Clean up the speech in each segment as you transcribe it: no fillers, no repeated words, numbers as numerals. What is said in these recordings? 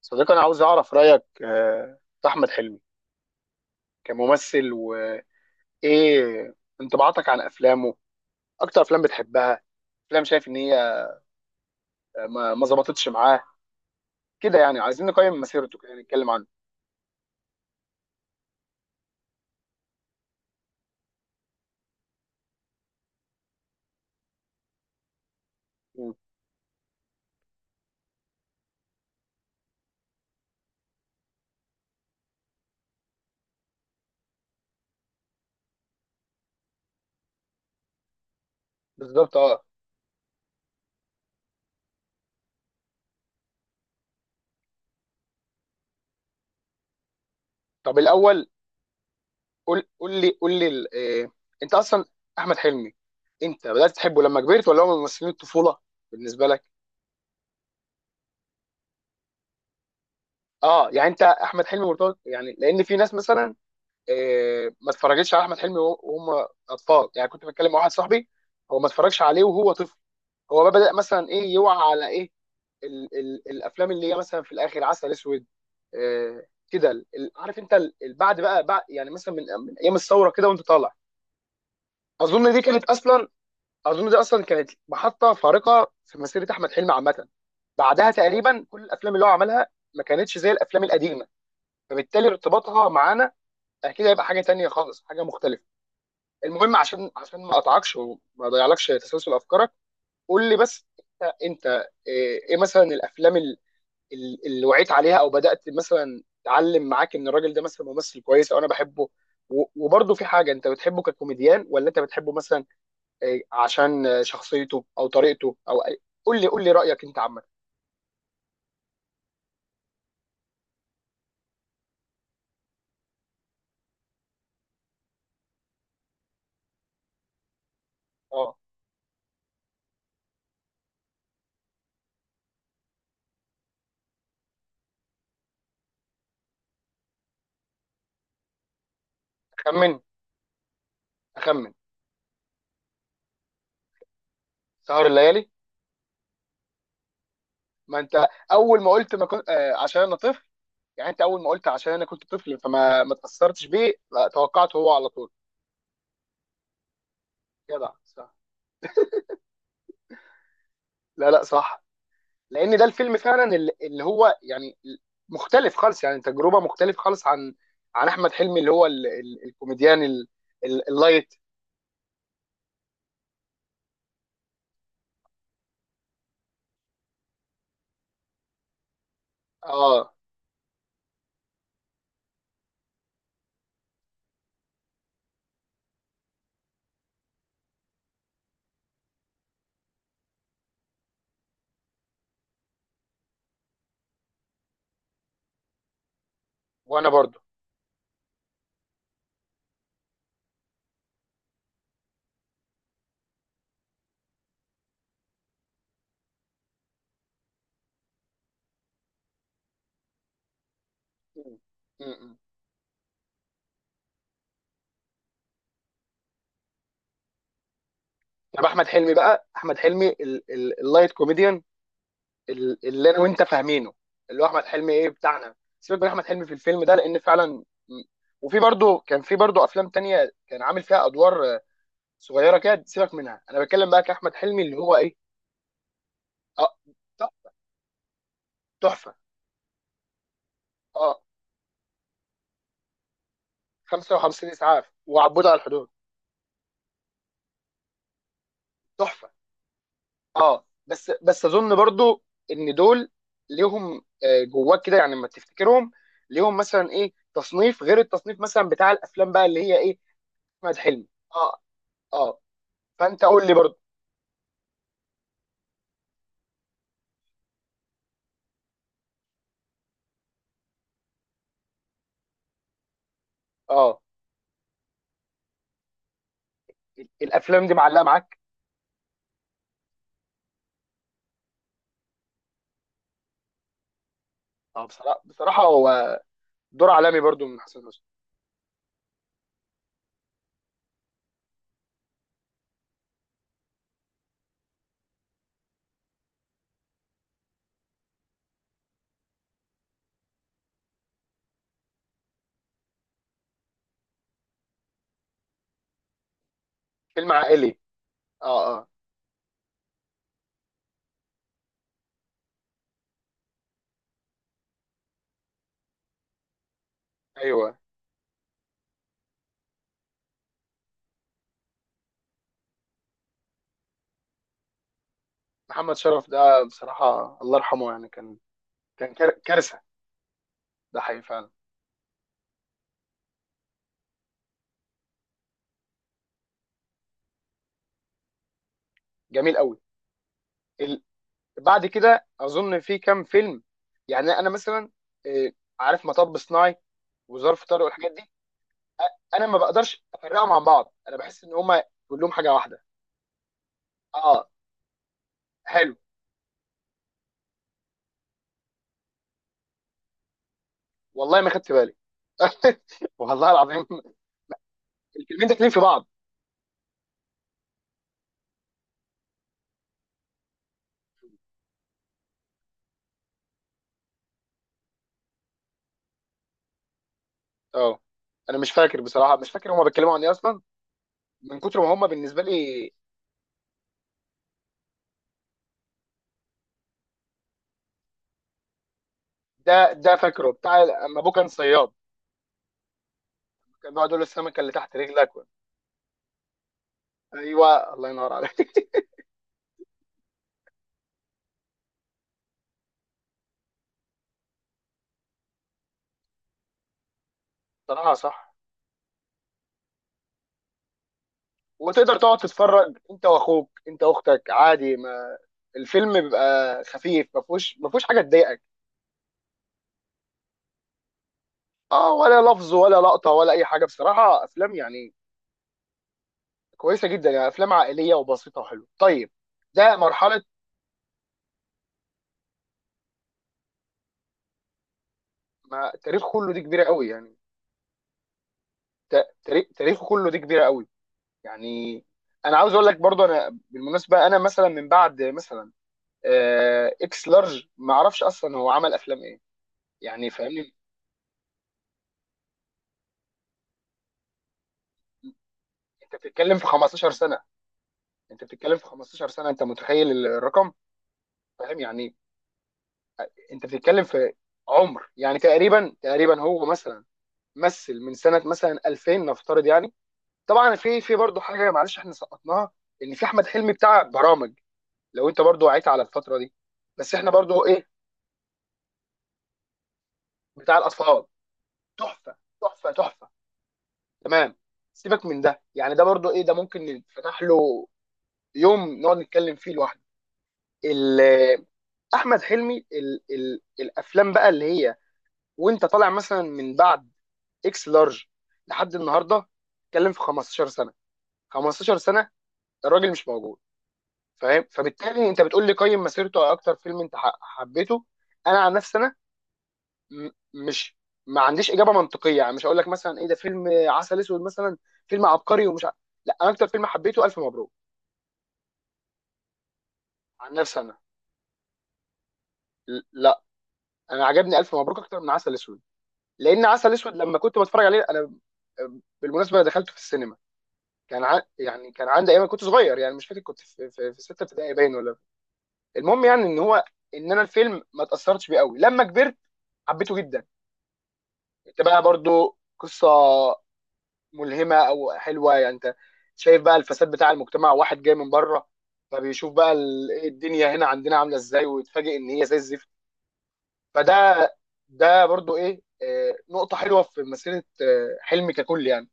صديقي، انا عاوز اعرف رايك في احمد حلمي كممثل. وايه انطباعاتك عن افلامه؟ اكتر افلام بتحبها، افلام شايف ان هي آه، ما ما ظبطتش معاه كده. يعني عايزين نقيم مسيرته كده، نتكلم عنه. مم. بالظبط، اه. طب الاول قول لي آه، انت اصلا احمد حلمي، انت بدات تحبه لما كبرت ولا هو من ممثلين الطفوله بالنسبه لك؟ اه، يعني انت احمد حلمي مرتبط، يعني لان في ناس مثلا ما اتفرجتش على احمد حلمي وهم اطفال. يعني كنت بتكلم مع واحد صاحبي هو ما اتفرجش عليه وهو طفل. هو بقى بدا مثلا ايه، يوعى على ايه؟ ال الافلام اللي هي مثلا في الاخر عسل اسود، إيه، كده ال- ال- عارف انت، بعد بقى، بعد يعني مثلا من من ايام الثوره كده وانت طالع. اظن دي كانت اصلا، اظن دي اصلا كانت محطه فارقه في مسيره احمد حلمي عامه. بعدها تقريبا كل الافلام اللي هو عملها ما كانتش زي الافلام القديمه، فبالتالي ارتباطها معانا اكيد هيبقى حاجه تانية خالص، حاجه مختلفه. المهم، عشان ما اقطعكش وما اضيعلكش تسلسل افكارك، قول لي بس، انت ايه مثلا الافلام اللي وعيت عليها، او بدات مثلا تعلم معاك ان الراجل ده مثلا ممثل كويس او انا بحبه؟ وبرضه، في حاجه انت بتحبه ككوميديان ولا انت بتحبه مثلا، عشان شخصيته او طريقته او قول لي رايك انت عامه. اه. اخمن. اخمن. سهر الليالي. ما انت اول ما قلت ما كنت عشان انا طفل، يعني انت اول ما قلت عشان انا كنت طفل فما ما اتاثرتش بيه، لا، توقعته هو على طول. جدع، صح. لا لا، صح. لان ده الفيلم فعلا اللي هو يعني مختلف خالص، يعني تجربه مختلف خالص عن، عن احمد حلمي اللي هو ال الكوميديان ال اللايت. اه، وانا برضو م- م- م. طب احمد حلمي بقى، احمد حلمي اللايت كوميديان، اللي انا وانت فاهمينه، اللي هو احمد حلمي ايه بتاعنا. سيبك من احمد حلمي في الفيلم ده لان فعلا، وفي برضه، كان في برضه افلام تانية كان عامل فيها ادوار صغيره كده، سيبك منها. انا بتكلم بقى كاحمد حلمي اللي هو ايه. اه. ت- تحفه. اه. 55 اسعاف، وعبود على الحدود. تحفه. اه، بس اظن برضه ان دول ليهم جواك كده، يعني لما تفتكرهم ليهم مثلا ايه تصنيف غير التصنيف مثلا بتاع الافلام بقى اللي هي ايه. احمد حلمي. اه. اه. فانت قول لي برضه. اه. الافلام دي معلقه معاك. اه، بصراحه، بصراحه هو دور عالمي برضو من حسن حسني. فيلم عائلي. اه اه. ايوه. محمد شرف ده بصراحه، الله يرحمه، يعني كان، كان كارثه. ده حقيقي فعلا. جميل قوي. ال... بعد كده اظن في كام فيلم، يعني انا مثلا آه، عارف مطب صناعي وظرف طارق والحاجات دي. انا ما بقدرش افرقهم عن بعض، انا بحس ان هما كلهم حاجه واحده. اه. حلو. والله ما خدت بالي. والله العظيم. الفيلمين داخلين في بعض. اه. انا مش فاكر بصراحه، مش فاكر هما بيتكلموا عن ايه اصلا، من كتر ما هما بالنسبه لي. ده ده فاكره بتاع اما ابوه كان صياد، كان بيقعد يقول له السمكه اللي تحت رجلك و... ايوه، الله ينور عليك. بصراحه، صح. وتقدر تقعد تتفرج انت واخوك، انت واختك، عادي. ما الفيلم بيبقى خفيف، ما فيهوش ما فيهوش حاجه تضايقك. اه، ولا لفظ ولا لقطه ولا اي حاجه. بصراحه افلام يعني كويسه جدا، يعني افلام عائليه وبسيطه وحلوه. طيب، ده مرحله. ما تاريخ كله دي كبيره قوي يعني. تاريخ تاريخه كله دي كبيره قوي يعني. انا عاوز اقول لك برضه، انا بالمناسبه انا مثلا من بعد مثلا اكس لارج ما اعرفش اصلا هو عمل افلام ايه، يعني فاهمني. انت بتتكلم في 15 سنه، انت بتتكلم في 15 سنه، انت متخيل الرقم؟ فاهم يعني، انت بتتكلم في عمر، يعني تقريبا، تقريبا هو مثلا، مثل من سنه مثلا 2000 نفترض يعني. طبعا في، في برضه حاجه معلش احنا سقطناها، ان في احمد حلمي بتاع برامج لو انت برضه وعيت على الفتره دي. بس احنا برضه ايه، بتاع الاطفال. تحفه. تحفه. تحفه. تمام. سيبك من ده، يعني ده برضو ايه، ده ممكن نفتح له يوم نقعد نتكلم فيه لوحده. ال- احمد حلمي ال الافلام بقى اللي هي وانت طالع مثلا من بعد اكس لارج لحد النهارده، اتكلم في 15 سنه. 15 سنه الراجل مش موجود، فاهم. فبالتالي انت بتقول لي قيم مسيرته على اكتر فيلم انت حبيته. انا عن نفسي مش ما عنديش اجابه منطقيه، يعني مش هقول لك مثلا ايه ده فيلم عسل اسود مثلا فيلم عبقري ومش لا، انا اكتر فيلم حبيته الف مبروك. عن نفسي انا، لا، انا عجبني الف مبروك اكتر من عسل اسود. لان عسل اسود لما كنت بتفرج عليه انا، بالمناسبه دخلته في السينما، كان يعني كان عندي ايام، كنت صغير، يعني مش فاكر كنت في في سته ابتدائي باين ولا. المهم، يعني ان هو، ان انا الفيلم ما اتاثرتش بيه قوي. لما كبرت حبيته جدا. انت بقى برضو قصه ملهمه او حلوه، يعني انت شايف بقى الفساد بتاع المجتمع، واحد جاي من بره، فبيشوف بقى ال- إيه الدنيا هنا عندنا عامله ازاي، ويتفاجئ ان هي زي الزفت. فده، ده برضو ايه نقطه حلوه في مسيره حلمي ككل يعني.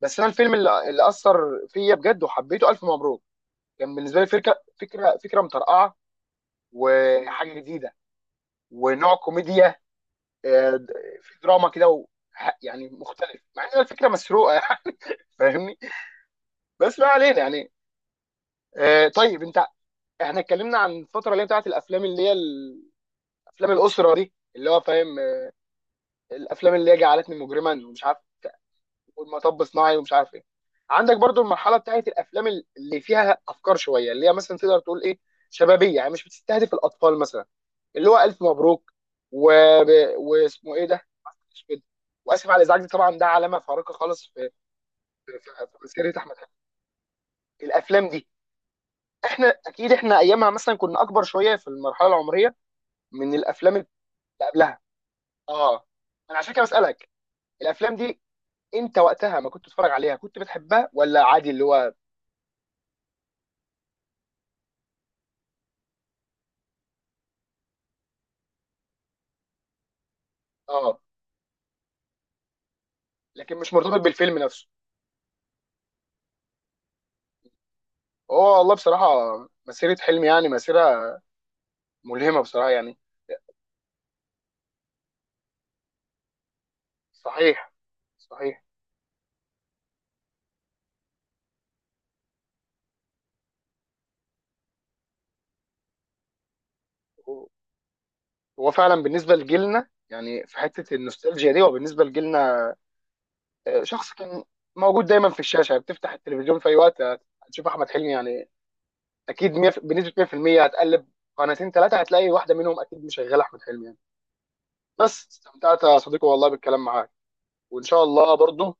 بس انا الفيلم اللي اثر فيا بجد وحبيته الف مبروك. كان بالنسبه لي فكره فكره مطرقعه وحاجه جديده ونوع كوميديا آه، د- في دراما كده يعني مختلف، مع ان الفكره مسروقه. يعني فاهمني. بس ما علينا يعني. آه، طيب انت، احنا اتكلمنا عن الفتره اللي هي بتاعت الافلام اللي هي افلام الاسره دي، اللي هو فاهم الافلام اللي هي جعلتني مجرما ومش عارف والمطب صناعي ومش عارف ايه. عندك برضو المرحله بتاعت الافلام اللي فيها افكار شويه، اللي هي مثلا تقدر تقول ايه، شبابيه، يعني مش بتستهدف الاطفال مثلا. اللي هو الف مبروك و... واسمه ايه ده؟ عسل أسود. واسف على الازعاج. دي طبعا ده علامه فارقه خالص في، في، في مسيره احمد حلمي. الافلام دي احنا اكيد، احنا ايامها مثلا كنا اكبر شويه في المرحله العمريه من الافلام اللي قبلها. اه، انا عشان كده بسالك. الافلام دي انت وقتها ما كنت بتتفرج عليها، كنت بتحبها ولا عادي اللي هو؟ اه، لكن مش مرتبط بالفيلم نفسه. هو والله بصراحه، مسيره حلمي يعني مسيره ملهمه بصراحه يعني. صحيح. صحيح. هو، هو فعلا بالنسبه لجيلنا، يعني في حته النوستالجيا دي، وبالنسبه لجيلنا شخص كان موجود دايما في الشاشه. بتفتح التلفزيون في اي وقت هتشوف احمد حلمي، يعني اكيد 100 بنسبه 100% هتقلب قناتين ثلاثه هتلاقي واحده منهم اكيد مشغله احمد حلمي يعني. بس، استمتعت يا صديقي والله بالكلام معاك، وان شاء الله برضه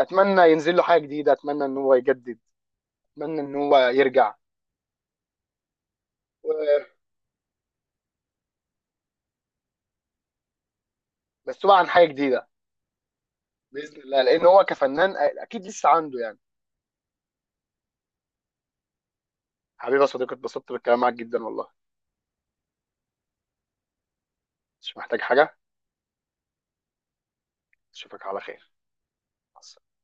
اتمنى ينزل له حاجه جديده، اتمنى ان هو يجدد، اتمنى ان هو يرجع و- بس هو عن حاجه جديده باذن الله، لان هو كفنان اكيد لسه عنده يعني. حبيبي يا صديقي، اتبسطت بالكلام معاك جدا والله. مش محتاج حاجه. اشوفك على خير. مع السلامة.